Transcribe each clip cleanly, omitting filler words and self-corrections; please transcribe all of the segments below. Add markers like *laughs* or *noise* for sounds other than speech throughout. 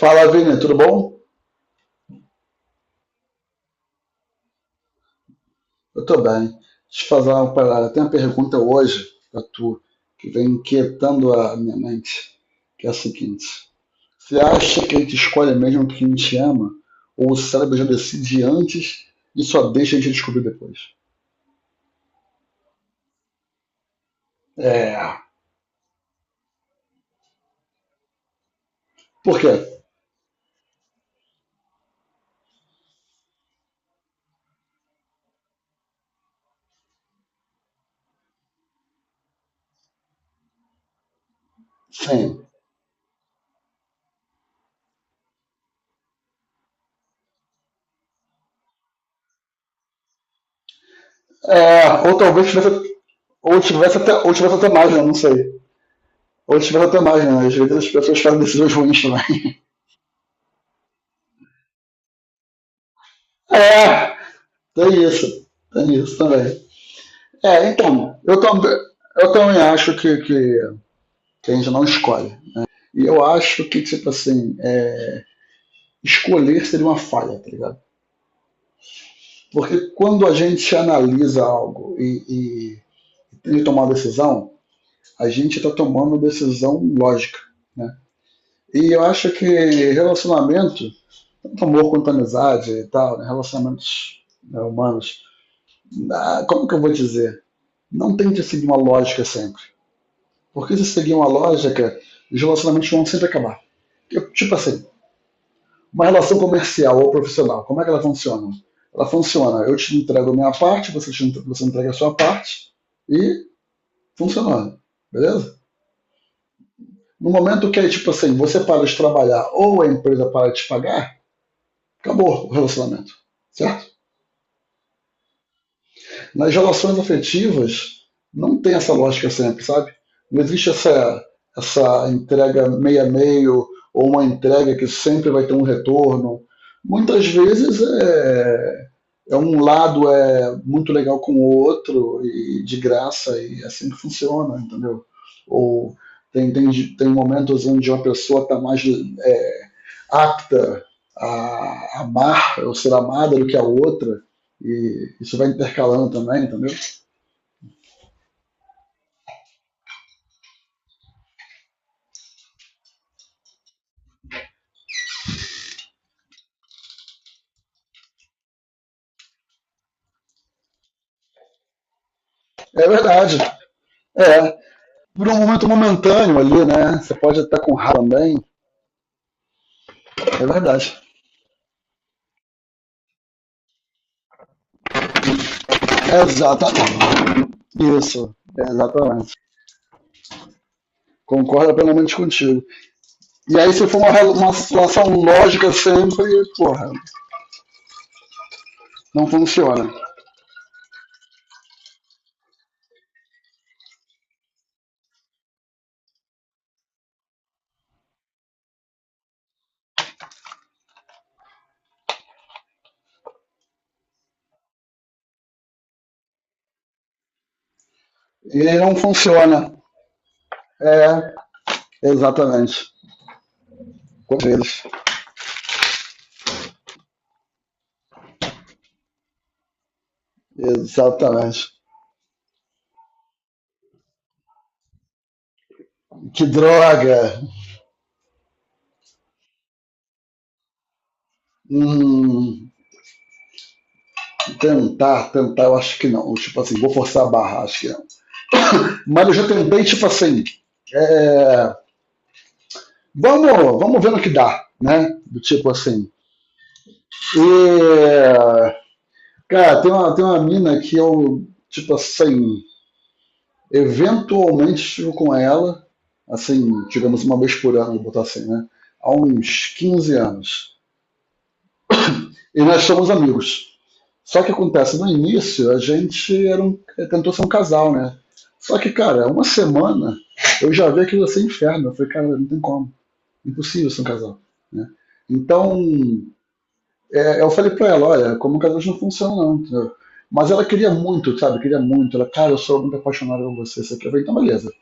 Fala, Vini, tudo bom? Eu tô bem. Deixa eu fazer uma parada. Tem uma pergunta hoje pra tu que vem inquietando a minha mente, que é a seguinte: Você acha que a gente escolhe mesmo o que a gente ama? Ou o cérebro já decide antes e só deixa a gente descobrir depois? É. Por quê? Sim. É, ou talvez tivesse, ou tivesse até mais, né? Não sei. Ou tivesse até mais, né? Às vezes as pessoas fazem decisões ruins também. *laughs* É, tem isso. Tem isso também. É, então, eu, tam, eu também acho que a gente não escolhe. E eu acho que, tipo assim, escolher seria uma falha, tá ligado? Porque quando a gente analisa algo e tem que tomar uma decisão, a gente está tomando decisão lógica, né? E eu acho que relacionamento, tanto amor quanto amizade e tal, né? Relacionamentos, né, humanos, ah, como que eu vou dizer? Não tem que seguir uma lógica sempre. Porque se seguir uma lógica, os relacionamentos vão sempre acabar. Tipo assim, uma relação comercial ou profissional, como é que ela funciona? Ela funciona, eu te entrego a minha parte, você entrega a sua parte e funcionando, beleza? No momento que, é, tipo assim, você para de trabalhar ou a empresa para de te pagar, acabou o relacionamento, certo? Nas relações afetivas, não tem essa lógica sempre, sabe? Não existe essa entrega meio a meio ou uma entrega que sempre vai ter um retorno. Muitas vezes é um lado é muito legal com o outro e de graça e é assim que funciona, entendeu? Ou tem momentos onde uma pessoa está mais apta a amar ou ser amada do que a outra e isso vai intercalando também, entendeu? É verdade. É. Por um momento momentâneo ali, né? Você pode estar com raiva também. É verdade. Exatamente. Isso. É, exatamente. Concordo plenamente contigo. E aí, se for uma situação lógica sempre, porra, não funciona. E não funciona. É, exatamente. Com eles. Exatamente. Que droga! Hum, tentar, eu acho que não. Tipo assim, vou forçar a barra, acho que não. Mas eu já tentei, tipo assim, é, vamos, vamos ver no que dá, né? Do tipo assim. E, cara, tem uma mina que eu, tipo assim, eventualmente estive com ela, assim, digamos uma vez por ano, vou botar assim, né? Há uns 15 anos. E nós somos amigos. Só que acontece, no início a gente era um, tentou ser um casal, né? Só que, cara, uma semana eu já vi aquilo assim inferno. Eu falei, cara, não tem como. Impossível ser um casal. Né? Então, é, eu falei para ela, olha, como um casal não funciona não, entendeu? Mas ela queria muito, sabe? Queria muito. Ela, cara, eu sou muito apaixonada por você. Você quer ver? Então, beleza.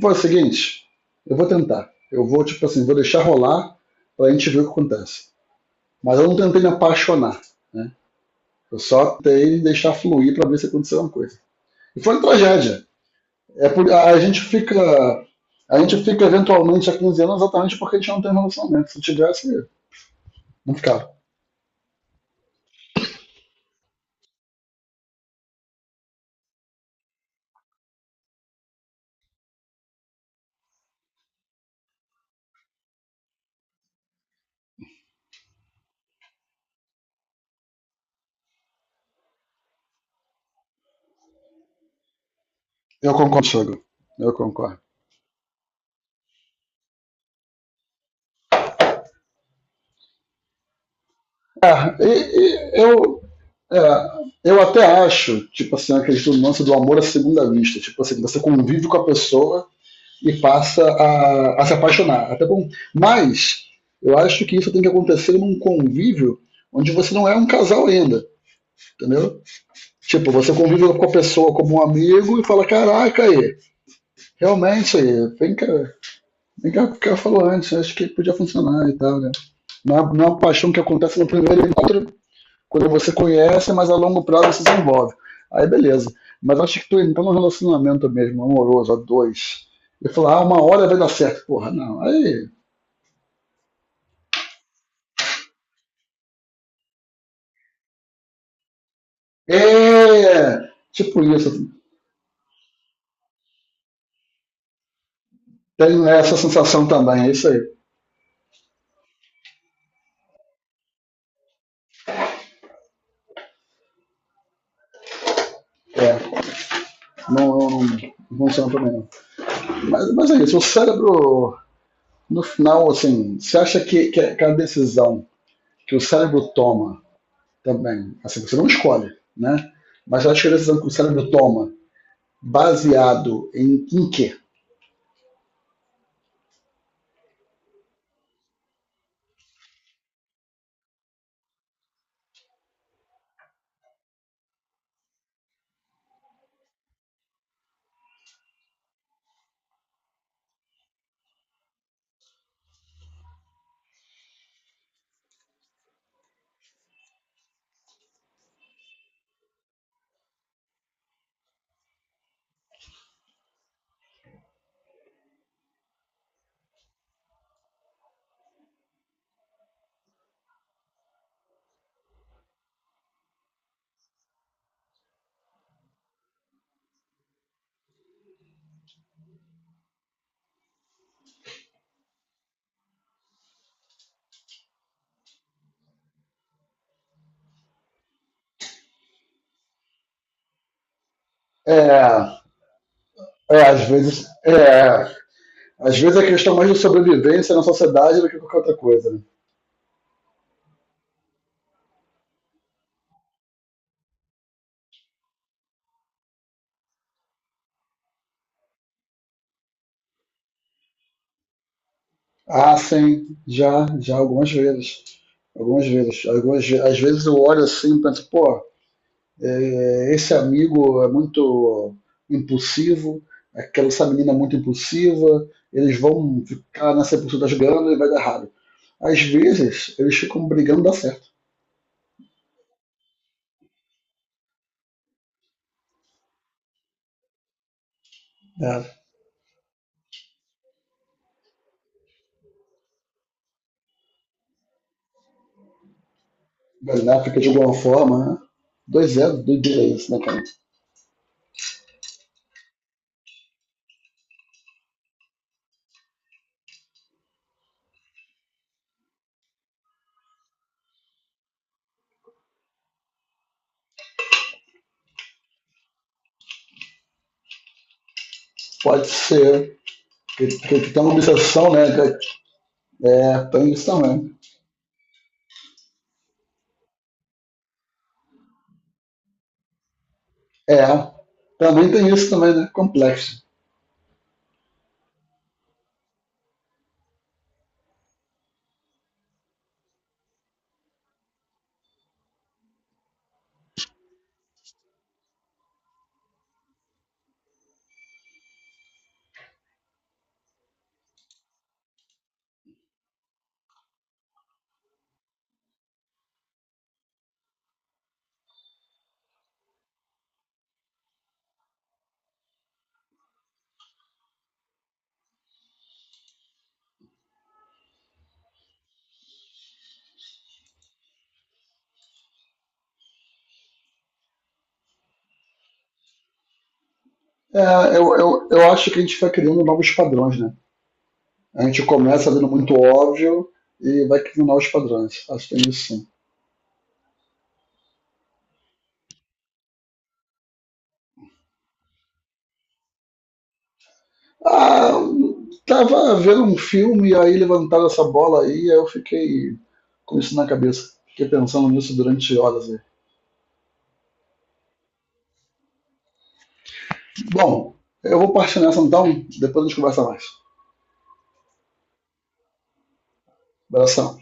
Foi o seguinte, eu vou tentar. Eu vou, tipo assim, vou deixar rolar pra gente ver o que acontece. Mas eu não tentei me apaixonar, né? Eu só tentei deixar fluir pra ver se aconteceu alguma coisa. E foi uma tragédia. A gente fica... A gente fica eventualmente há 15 anos exatamente porque a gente não tem relacionamento. Se tivesse, não ficava. Eu concordo, Sogro. Eu concordo. É, e, e eu, é, eu até acho, tipo assim, acredito no lance do amor à segunda vista. Tipo assim, você convive com a pessoa e a se apaixonar. Até bom. Mas eu acho que isso tem que acontecer num convívio onde você não é um casal ainda, entendeu? Tipo, você convive com a pessoa como um amigo e fala, caraca aí, realmente aí, vem cá o que ela falou antes, acho que podia funcionar e tal, né? Não é uma paixão que acontece no primeiro encontro, quando você conhece, mas a longo prazo se desenvolve. Aí beleza. Mas acho que tu entra num relacionamento mesmo, amoroso, a dois. E falar, ah, uma hora vai dar certo. Porra, não. Aí. É! Tipo isso. Tem essa sensação também, é isso aí. É. Não, funciona também não. Mas é isso. O cérebro, no final, assim, você acha que a decisão que o cérebro toma também, assim, você não escolhe, né? Mas acho que a decisão que o cérebro toma, baseado em quê? É, às vezes, às vezes é questão mais de sobrevivência na sociedade do que qualquer outra coisa. Né? Ah, sim, já algumas vezes. Algumas vezes. Algumas, às vezes eu olho assim e penso, pô, esse amigo é muito impulsivo, aquela essa menina é muito impulsiva, eles vão ficar nessa pulsão das ganas e vai dar errado. Às vezes, eles ficam brigando e dá certo. É. Ganáfica de alguma forma, né? 2-0, dois, isso, né, cara? Pode ser que tem uma obsessão, né? É, tem isso também. É, também tem isso também, né? Complexo. É, eu acho que a gente vai criando novos padrões, né? A gente começa vendo muito óbvio e vai questionar os padrões. Acho que tem isso sim. Ah, tava vendo um filme e aí levantaram essa bola aí, aí eu fiquei com isso na cabeça. Fiquei pensando nisso durante horas aí. Bom, eu vou partir nessa então, depois a gente conversa mais. Abração.